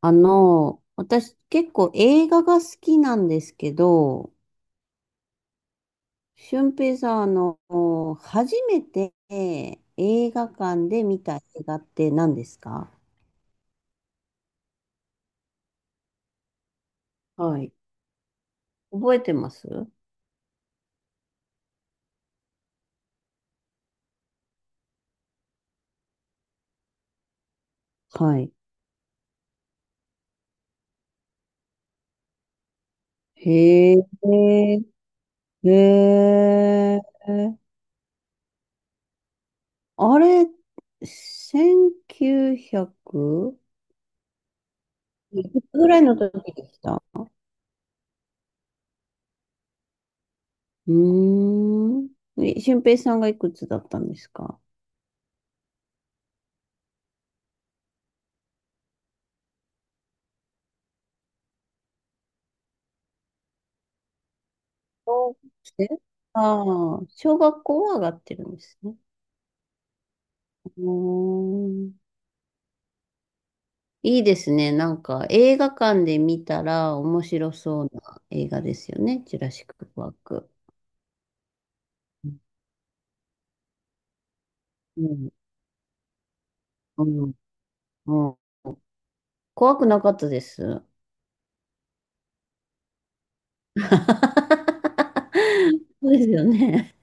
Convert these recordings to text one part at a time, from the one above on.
私結構映画が好きなんですけど、俊平さん、初めて映画館で見た映画って何ですか？はい。覚えてます？はい。へえ、へえ、あれ、1900いくつぐらいの時でした？うーん。俊平さんがいくつだったんですか？小学生。ああ、小学校は上がってるんですね。うーん。いいですね。なんか映画館で見たら面白そうな映画ですよね。ジュラシック・パーク。うん、うん、うん。怖くなかったです？そうですよね。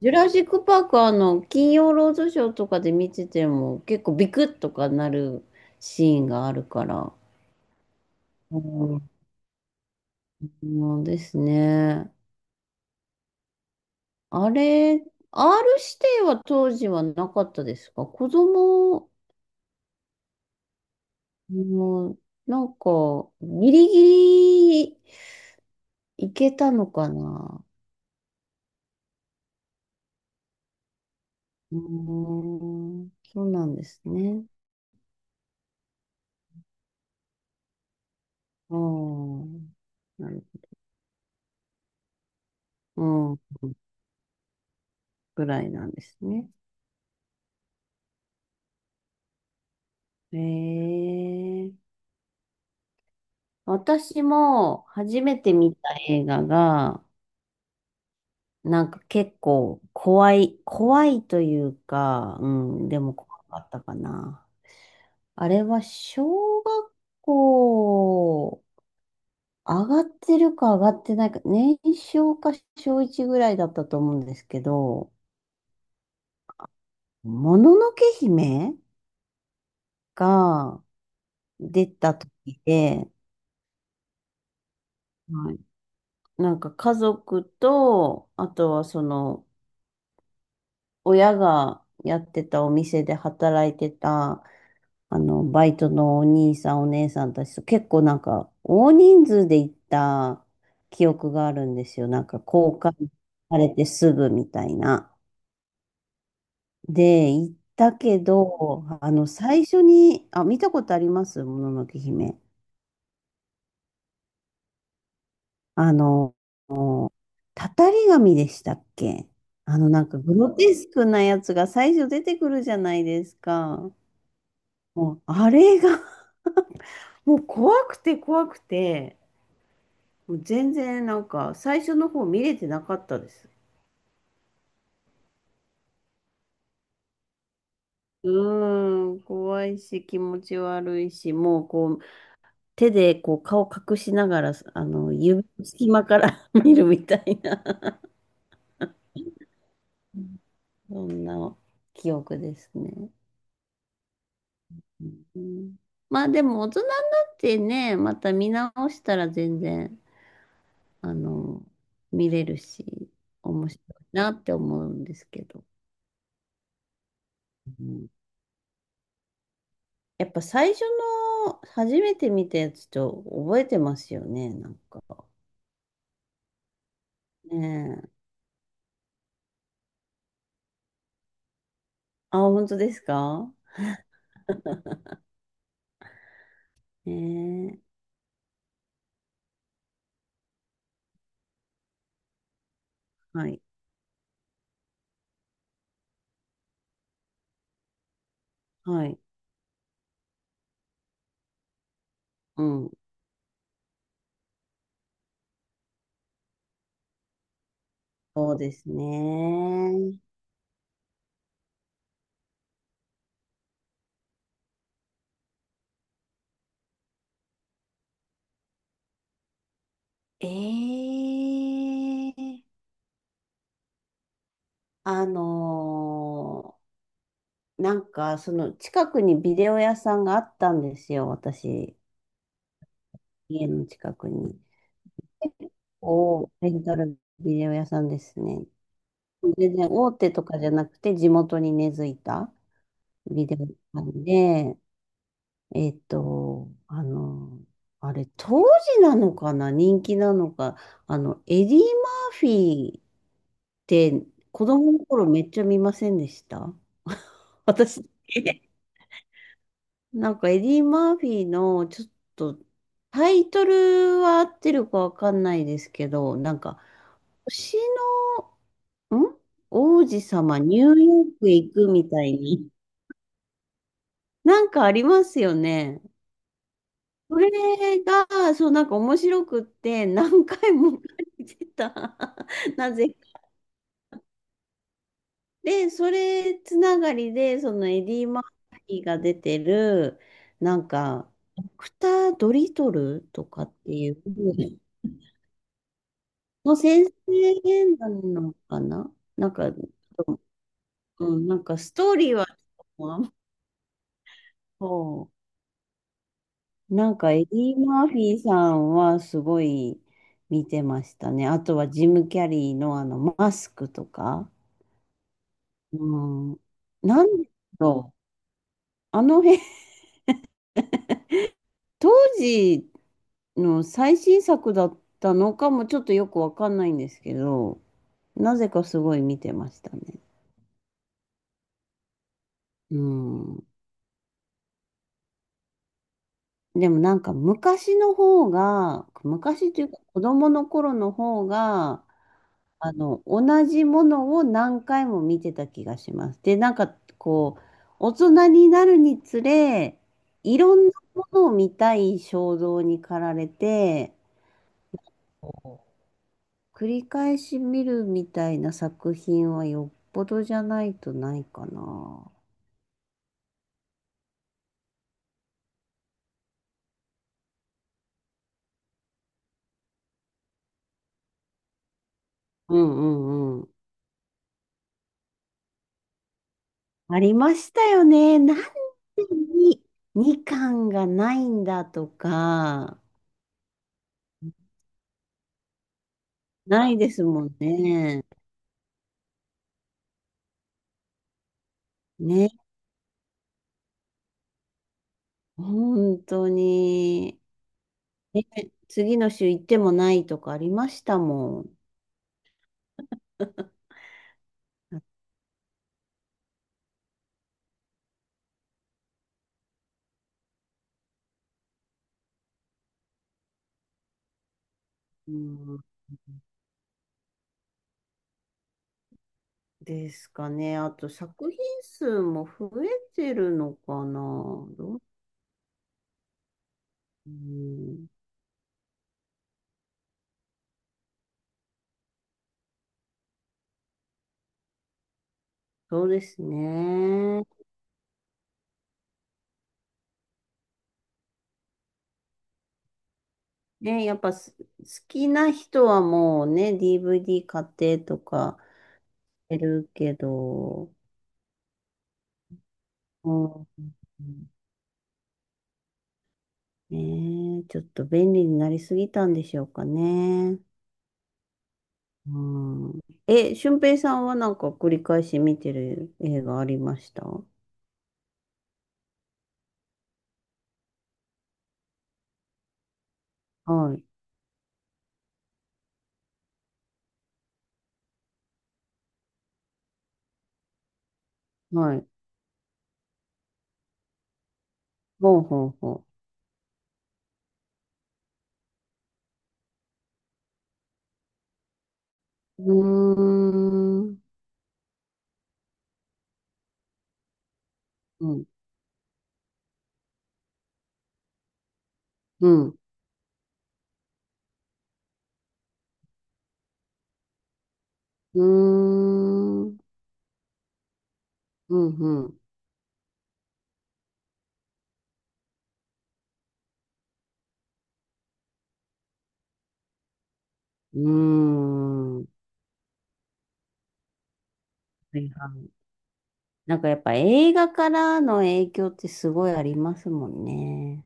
ジュラシック・パークは金曜ロードショーとかで見てても結構ビクッとかなるシーンがあるから。うん、うんですね。あれ、R 指定は当時はなかったですか？子供、うん、なんか、ギリギリいけたのかな？うーん、そうなんですね。うん、なるほど。うん、ぐらいなんですね。へえ。私も初めて見た映画が、なんか結構怖い、怖いというか、うん、でも怖かったかな。あれは小学校上がってるか上がってないか、年少か小1ぐらいだったと思うんですけど、もののけ姫が出た時で、はい。なんか家族と、あとはその親がやってたお店で働いてたバイトのお兄さん、お姉さんたちと結構なんか、大人数で行った記憶があるんですよ。なんか、交換されてすぐみたいな。で、行ったけど、最初に、あ、見たことあります？もののけ姫。あの、たたり神でしたっけ？なんか、グロテスクなやつが最初出てくるじゃないですか。もう、あれがもう怖くて怖くて、もう全然なんか最初の方見れてなかったです。うーん、怖いし気持ち悪いし、もうこう手でこう顔隠しながら、あの指の隙間から 見るみたいな、そんな記憶ですね。うん。まあでも大人になってね、また見直したら全然、あの、見れるし、面白いなって思うんですけど。うん。やっぱ最初の初めて見たやつと覚えてますよね、なんか。ねえ。あ、本当ですか？ねえ。はい。はい。うん。そうですね。ええ、あのなんかその近くにビデオ屋さんがあったんですよ、私。家の近くに。結構レンタルビデオ屋さんですね。全然大手とかじゃなくて地元に根付いた。ビデオ館で、えっと、あの、あれ、当時なのかな、人気なのか、エディ・マーフィーって子供の頃めっちゃ見ませんでした？ 私、なんかエディ・マーフィーのちょっとタイトルは合ってるかわかんないですけど、なんか、星の、王子様ニューヨークへ行くみたいに、なんかありますよね。それが、そう、なんか面白くって、何回も借りてた。なぜか。で、それつながりで、そのエディ・マーフィーが出てる、なんか、ドクター・ドリトルとかっていう、の先生なのかな、なんか、うん、なんかストーリーは、そう。なんかエディ・マーフィーさんはすごい見てましたね。あとはジム・キャリーのあのマスクとか。うん。なんだろう。あの辺、当時の最新作だったのかもちょっとよくわかんないんですけど、なぜかすごい見てましたね。うん。でもなんか昔の方が、昔というか子供の頃の方が、同じものを何回も見てた気がします。で、なんかこう、大人になるにつれ、いろんなものを見たい衝動に駆られて、繰り返し見るみたいな作品はよっぽどじゃないとないかな。うんうんうん。ありましたよね。なんでに2巻がないんだとか、ないですもんね。ね、本当に。ね、次の週行ってもないとかありましたもん。うんですかね。あと作品数も増えてるのかな。どう、うん、そうですね。ね、やっぱす好きな人はもうね、DVD 買ってとかやるけど、うん、ねえ、ちょっと便利になりすぎたんでしょうかね。うん。俊平さんはなんか繰り返し見てる映画ありました？はい。はい。ほうほうほう。うーん。うん。うん。うーん。うん。うん。うーん。はいはい。なんかやっぱ映画からの影響ってすごいありますもんね。